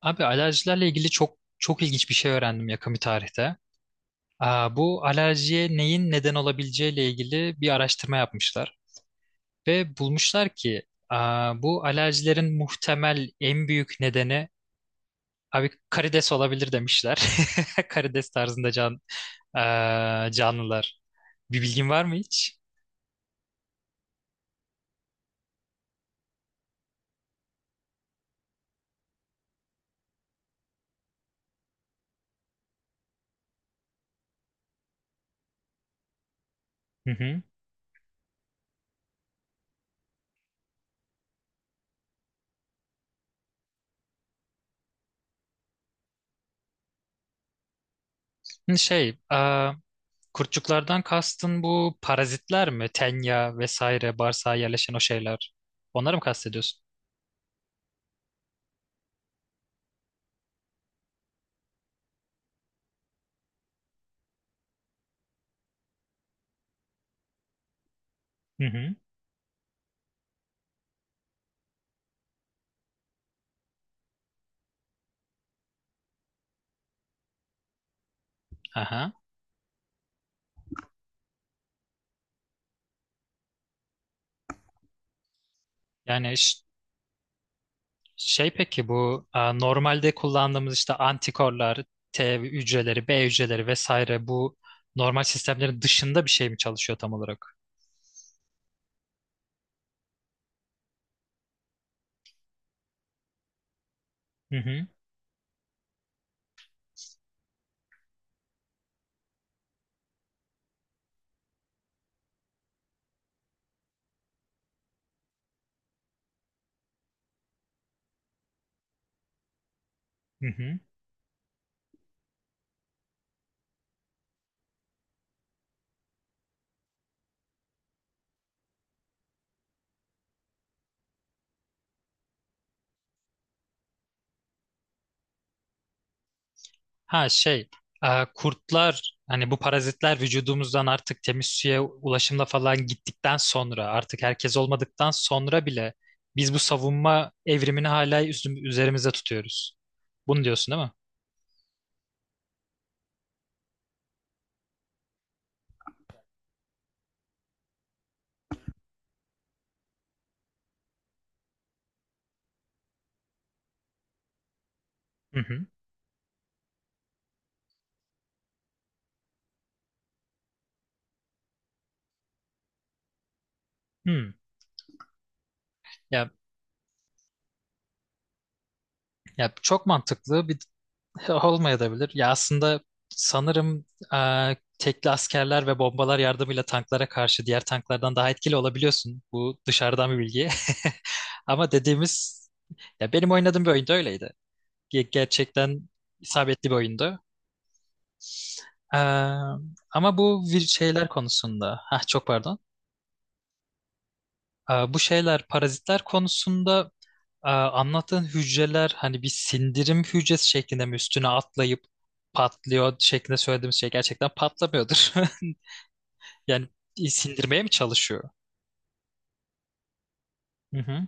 Abi alerjilerle ilgili çok çok ilginç bir şey öğrendim yakın bir tarihte. Bu alerjiye neyin neden olabileceğiyle ilgili bir araştırma yapmışlar ve bulmuşlar ki bu alerjilerin muhtemel en büyük nedeni abi karides olabilir demişler. Karides tarzında canlılar. Bir bilgin var mı hiç? Hı hı. Hı, şey, kurtçuklardan kastın bu parazitler mi? Tenya vesaire bağırsağa yerleşen o şeyler. Onları mı kastediyorsun? Hı hı. Aha. Yani şey, peki bu normalde kullandığımız işte antikorlar, T hücreleri, B hücreleri vesaire bu normal sistemlerin dışında bir şey mi çalışıyor tam olarak? Hı hı. Hı hı. Ha şey e, kurtlar hani bu parazitler vücudumuzdan artık temiz suya ulaşımla falan gittikten sonra artık herkes olmadıktan sonra bile biz bu savunma evrimini hala üzerimizde tutuyoruz. Bunu diyorsun değil mi? Hı hı. Hı. Ya, ya çok mantıklı. Olmayabilir. Ya aslında sanırım tekli askerler ve bombalar yardımıyla tanklara karşı diğer tanklardan daha etkili olabiliyorsun. Bu dışarıdan bir bilgi. Ama dediğimiz, ya benim oynadığım bir oyunda öyleydi. Gerçekten isabetli bir oyundu. Eee, Ama bu şeyler konusunda, ha, çok pardon. Bu şeyler, parazitler konusunda. Anlattığın hücreler hani bir sindirim hücresi şeklinde mi üstüne atlayıp patlıyor şeklinde söylediğimiz şey gerçekten patlamıyordur. Yani sindirmeye mi çalışıyor? Hı hı,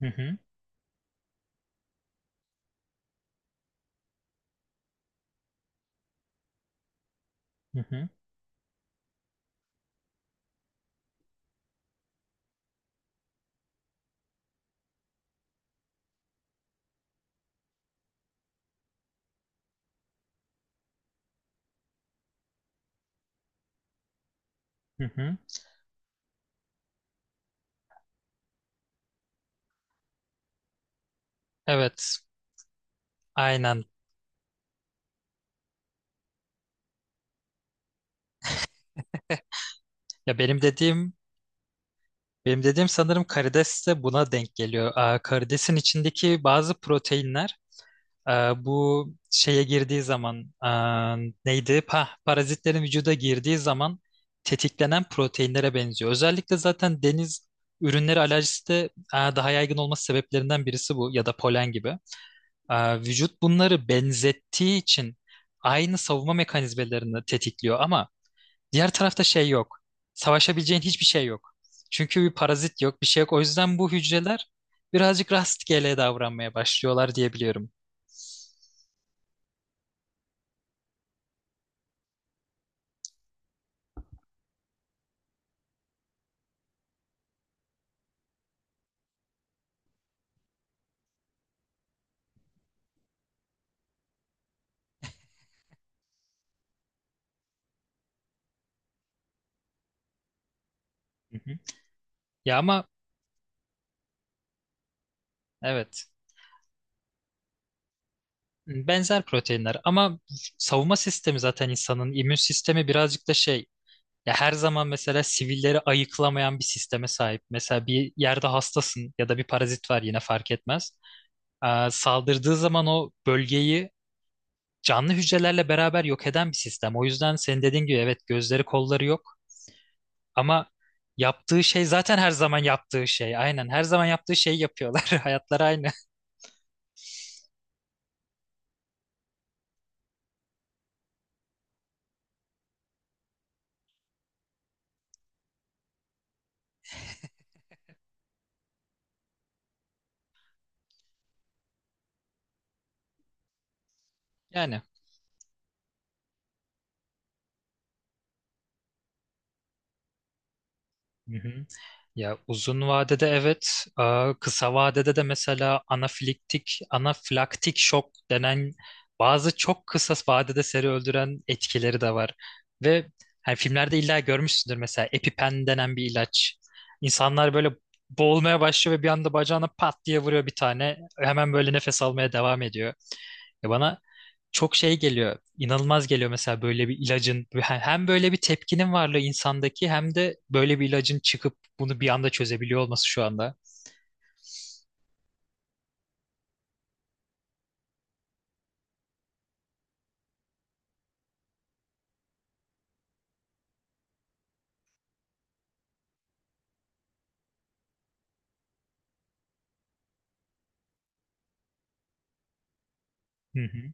hı hı, hı hı, hı hı. Evet, aynen. Ya benim dediğim sanırım karides de buna denk geliyor. Karidesin içindeki bazı proteinler, Ee, bu şeye girdiği zaman neydi? Parazitlerin vücuda girdiği zaman tetiklenen proteinlere benziyor. Özellikle zaten deniz ürünleri alerjisi de daha yaygın olması sebeplerinden birisi bu, ya da polen gibi. Vücut bunları benzettiği için aynı savunma mekanizmalarını tetikliyor, ama diğer tarafta şey yok. Savaşabileceğin hiçbir şey yok. Çünkü bir parazit yok, bir şey yok. O yüzden bu hücreler birazcık rastgele davranmaya başlıyorlar diyebiliyorum. Hı hı. Ya ama evet, benzer proteinler, ama savunma sistemi, zaten insanın immün sistemi birazcık da şey, ya her zaman mesela sivilleri ayıklamayan bir sisteme sahip. Mesela bir yerde hastasın ya da bir parazit var, yine fark etmez. Saldırdığı zaman o bölgeyi canlı hücrelerle beraber yok eden bir sistem. O yüzden senin dediğin gibi, evet, gözleri kolları yok, ama yaptığı şey zaten her zaman yaptığı şey. Aynen, her zaman yaptığı şeyi yapıyorlar. Hayatları aynı. Yani. Hı hı. Ya uzun vadede evet, kısa vadede de mesela anafilaktik şok denen bazı çok kısa vadede seri öldüren etkileri de var. Ve hani filmlerde illa görmüşsündür, mesela EpiPen denen bir ilaç. İnsanlar böyle boğulmaya başlıyor ve bir anda bacağına pat diye vuruyor bir tane. Hemen böyle nefes almaya devam ediyor. Ya bana çok şey geliyor, inanılmaz geliyor mesela böyle bir ilacın, hem böyle bir tepkinin varlığı insandaki, hem de böyle bir ilacın çıkıp bunu bir anda çözebiliyor olması şu anda. Hı hı.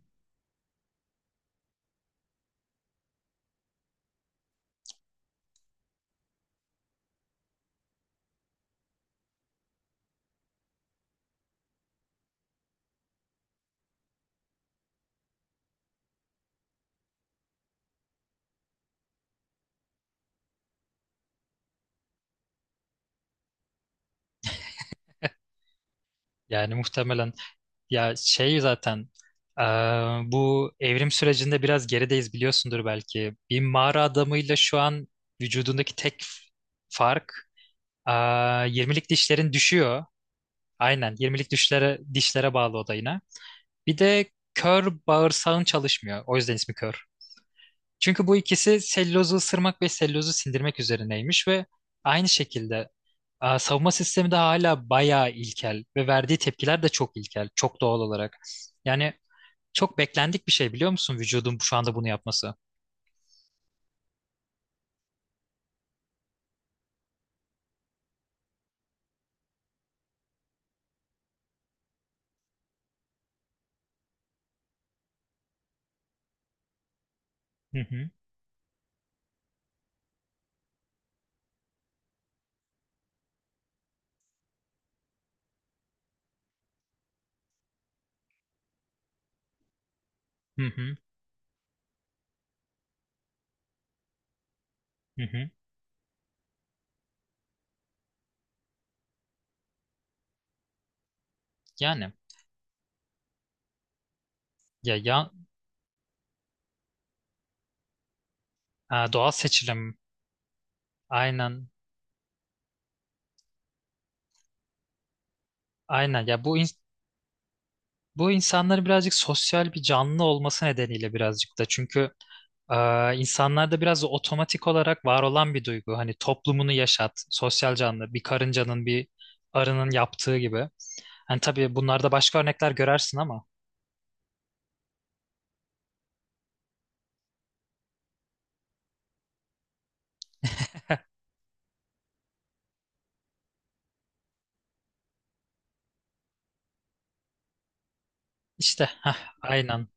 Yani muhtemelen, ya şey, zaten, bu evrim sürecinde biraz gerideyiz, biliyorsundur belki. Bir mağara adamıyla şu an vücudundaki tek fark, eee 20'lik dişlerin düşüyor. Aynen, 20'lik dişlere bağlı o da yine. Bir de kör bağırsağın çalışmıyor. O yüzden ismi kör. Çünkü bu ikisi sellozu ısırmak ve sellozu sindirmek üzerineymiş ve aynı şekilde, savunma sistemi de hala bayağı ilkel ve verdiği tepkiler de çok ilkel, çok doğal olarak. Yani çok beklendik bir şey, biliyor musun, vücudun şu anda bunu yapması? Hı hı, hı hı, hı hı. Yani ya, ya, doğal seçilim, aynen, aynen, ya bu insanların birazcık sosyal bir canlı olması nedeniyle, birazcık da çünkü, e, insanlarda biraz da otomatik olarak var olan bir duygu. Hani toplumunu yaşat, sosyal canlı, bir karıncanın, bir arının yaptığı gibi. Hani tabii bunlarda başka örnekler görersin, ama işte, aynen.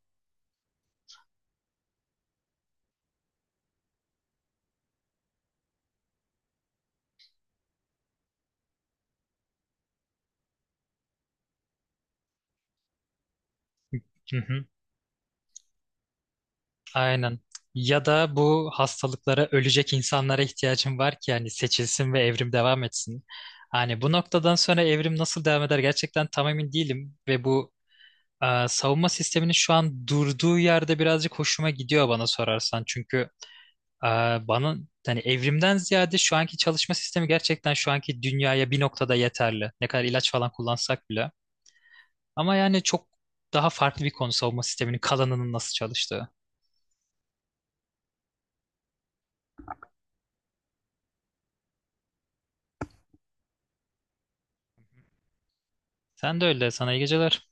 Hı hı, aynen. Ya da bu hastalıklara ölecek insanlara ihtiyacım var ki hani seçilsin ve evrim devam etsin. Hani bu noktadan sonra evrim nasıl devam eder gerçekten tam emin değilim, ve bu, savunma sisteminin şu an durduğu yerde birazcık hoşuma gidiyor bana sorarsan. Çünkü, e, bana, hani evrimden ziyade şu anki çalışma sistemi gerçekten şu anki dünyaya bir noktada yeterli. Ne kadar ilaç falan kullansak bile. Ama yani çok daha farklı bir konu savunma sisteminin kalanının nasıl çalıştığı. Sen de öyle. Sana iyi geceler.